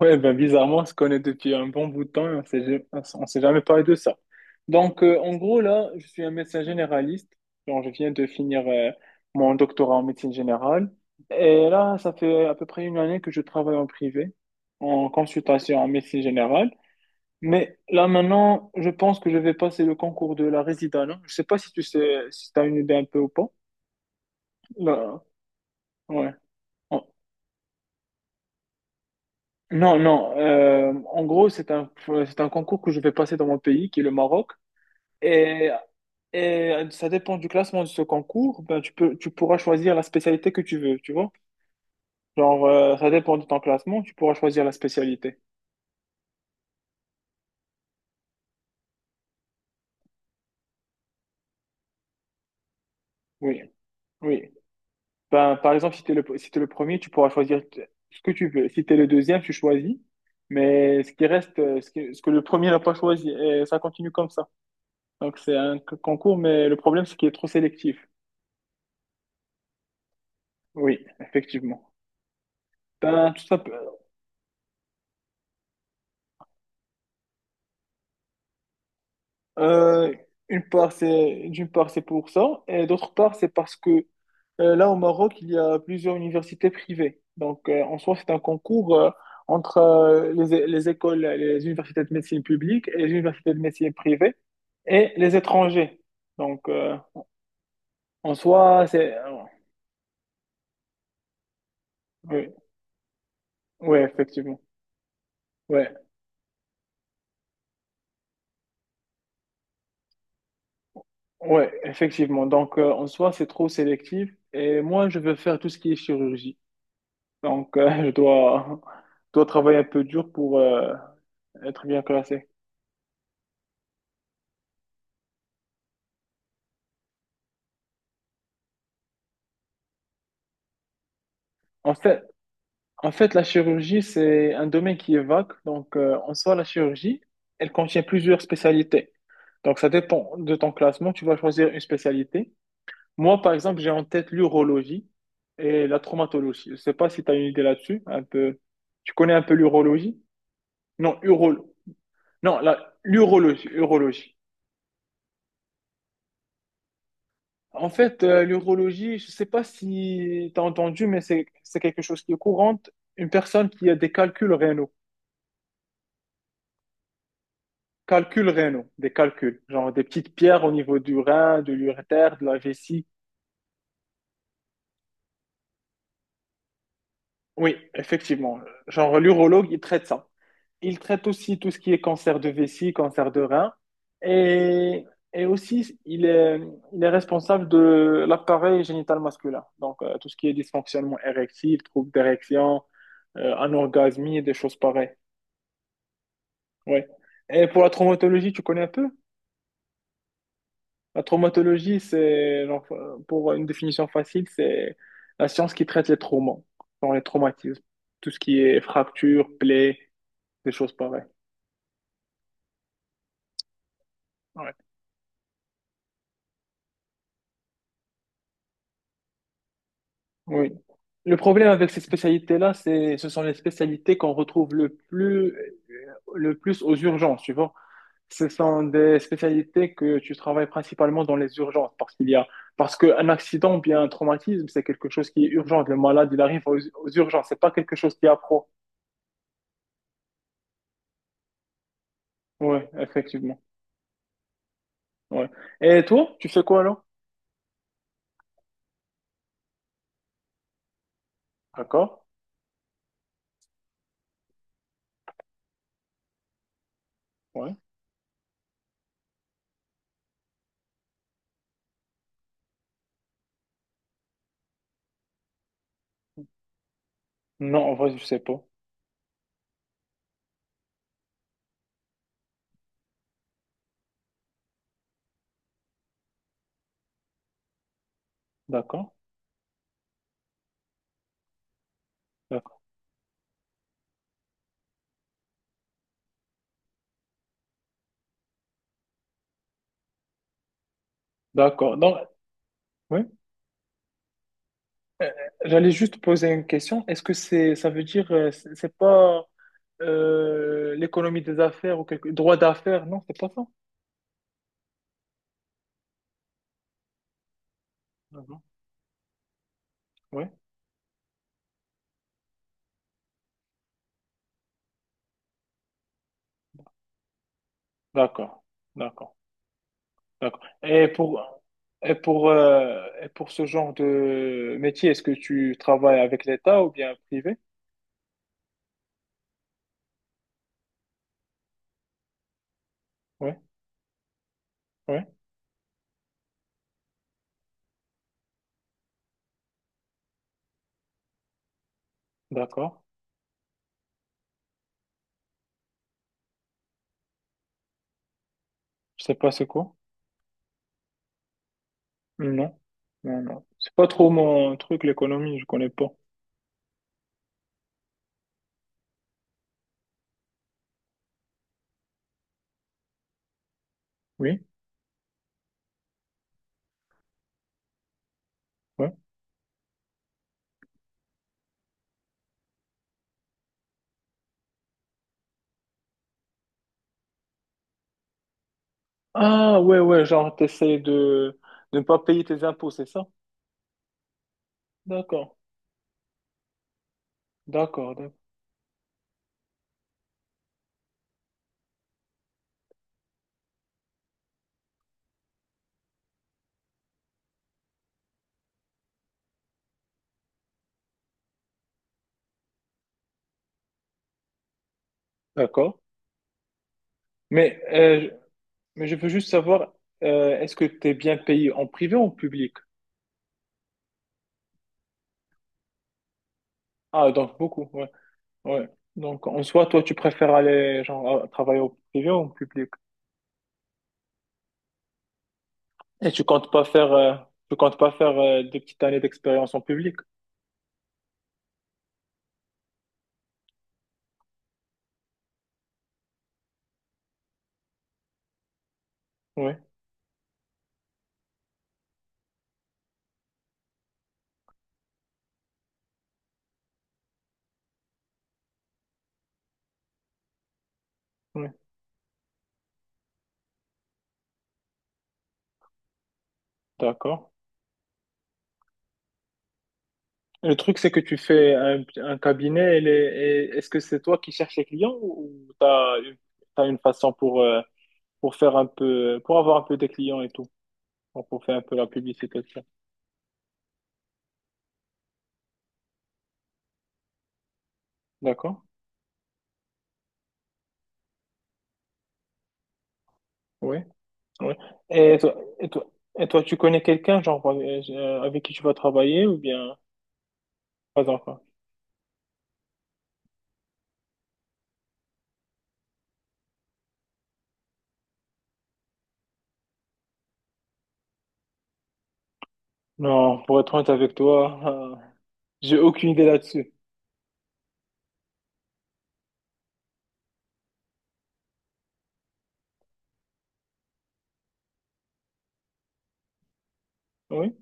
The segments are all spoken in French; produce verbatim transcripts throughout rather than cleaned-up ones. Ouais, ben bizarrement, on se connaît depuis un bon bout de temps et on s'est, ja- on s'est jamais parlé de ça. Donc, euh, en gros, là, je suis un médecin généraliste. Genre, je viens de finir euh, mon doctorat en médecine générale. Et là, ça fait à peu près une année que je travaille en privé, en consultation en médecine générale. Mais là, maintenant, je pense que je vais passer le concours de la résidence. Je sais pas si tu sais, si tu as une idée un peu ou pas. Là, ouais. En- Non, non. Euh, en gros, c'est un, c'est un concours que je vais passer dans mon pays, qui est le Maroc. Et, et ça dépend du classement de ce concours. Ben, tu peux, tu pourras choisir la spécialité que tu veux, tu vois. Genre, euh, ça dépend de ton classement, tu pourras choisir la spécialité. Oui, oui. Ben, par exemple, si tu es le, si t'es le premier, tu pourras choisir ce que tu veux. Si tu es le deuxième, tu choisis. Mais ce qui reste, euh, ce que, ce que le premier n'a pas choisi, et ça continue comme ça. Donc, c'est un c- concours, mais le problème, c'est qu'il est trop sélectif. Oui, effectivement. Ben, tout ça, Euh, une part, c'est, d'une part, c'est pour ça, et d'autre part, c'est parce que euh, là, au Maroc, il y a plusieurs universités privées. Donc, euh, en soi, c'est un concours euh, entre euh, les, les écoles, les universités de médecine publique et les universités de médecine privée et les étrangers. Donc, euh, en soi, c'est... euh, Oui, ouais, effectivement. Ouais, ouais, effectivement. Donc, euh, en soi, c'est trop sélectif. Et moi, je veux faire tout ce qui est chirurgie. Donc, euh, je dois, dois travailler un peu dur pour, euh, être bien classé. En fait, en fait, la chirurgie, c'est un domaine qui est vague. Donc, euh, en soi, la chirurgie, elle contient plusieurs spécialités. Donc, ça dépend de ton classement. Tu vas choisir une spécialité. Moi, par exemple, j'ai en tête l'urologie et la traumatologie. Je ne sais pas si tu as une idée là-dessus. Un peu... Tu connais un peu l'urologie? Non, uro... non, la... l'urologie, urologie. En fait, euh, l'urologie, je ne sais pas si tu as entendu, mais c'est c'est quelque chose qui est courant. Une personne qui a des calculs rénaux. Calculs rénaux, des calculs, genre des petites pierres au niveau du rein, de l'urétère, de la vessie. Oui, effectivement. Genre l'urologue, il traite ça. Il traite aussi tout ce qui est cancer de vessie, cancer de rein. Et, et aussi, il est, il est responsable de l'appareil génital masculin. Donc, euh, tout ce qui est dysfonctionnement érectile, troubles d'érection, euh, anorgasmie, des choses pareilles. Ouais. Et pour la traumatologie, tu connais un peu? La traumatologie, c'est, genre, euh, pour une définition facile, c'est la science qui traite les traumas, genre les traumatismes, tout ce qui est fractures, plaies, des choses pareilles. Ouais. Oui. Le problème avec ces spécialités-là, c'est, ce sont les spécialités qu'on retrouve le plus, le plus aux urgences, tu vois. Ce sont des spécialités que tu travailles principalement dans les urgences parce qu'il y a, parce qu'un accident ou bien un traumatisme, c'est quelque chose qui est urgent. Le malade, il arrive aux, aux urgences. C'est pas quelque chose qui est à pro. Ouais, effectivement. Ouais. Et toi, tu fais quoi alors? D'accord. Ouais. Non, en vrai, je sais pas. D'accord. D'accord. D'accord. Donc, oui. Euh, J'allais juste poser une question. Est-ce que c'est, ça veut dire, euh, c'est c'est pas euh, l'économie des affaires ou quelque droit d'affaires? Non, c'est pas ça. D'accord. Oui. D'accord. D'accord. D'accord. Et pour et pour euh, et pour ce genre de métier, est-ce que tu travailles avec l'État ou bien privé? Oui. Oui. D'accord. Je sais pas c'est quoi. Non, non, non. C'est pas trop mon truc, l'économie, je connais pas. Oui, ouais. Ah, ouais, ouais, genre, t'essayes de, de ne pas payer tes impôts, c'est ça? D'accord, d'accord, d'ac- d'accord. Mais, euh, je- mais je veux juste savoir, euh, est-ce que t'es bien payé en privé ou en public? Ah, donc beaucoup, ouais, ouais. Donc, en soi, toi, tu préfères aller, genre, à- travailler au privé ou en public? Et tu comptes pas faire, euh, tu comptes pas faire, euh, des petites années d'expérience en public? Oui, oui. D'accord. Le truc, c'est que tu fais un, un cabinet, et les- et est-ce que c'est toi qui cherches les clients ou tu as, une t'as une façon pour, euh, pour faire un peu, pour avoir un peu des clients et tout, pour pour faire un peu la publicité de ça. D'accord? Oui, oui. Et toi, et toi, et toi, tu connais quelqu'un, genre, euh, euh, avec qui tu vas travailler ou bien pas encore? Non, pour être honnête avec toi, euh, j'ai aucune idée là-dessus. Oui?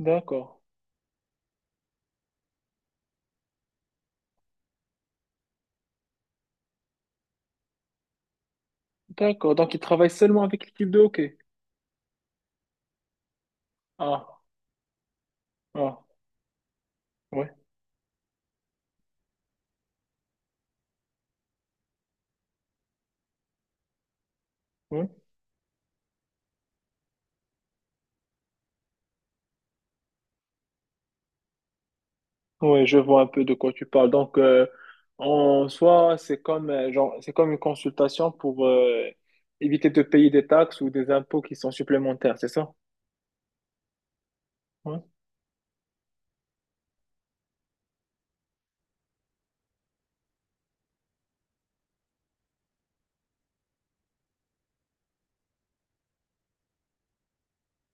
D'accord. D'accord. Donc, il travaille seulement avec l'équipe de hockey. Ah, ah, ouais. Oui. Oui, je vois un peu de quoi tu parles. Donc, euh, en soi, c'est comme, euh, genre, c'est comme une consultation pour euh, éviter de payer des taxes ou des impôts qui sont supplémentaires, c'est ça? Ouais,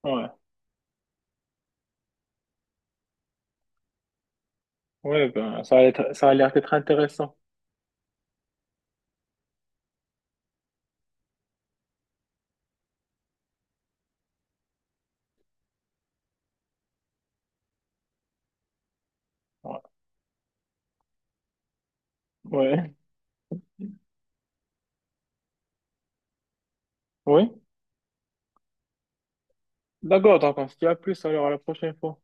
ouais, ouais, ben, ça a l'air, ça a l'air d'être intéressant. Ouais, ouais, oui. D'accord, donc on se dit à plus alors à la prochaine fois.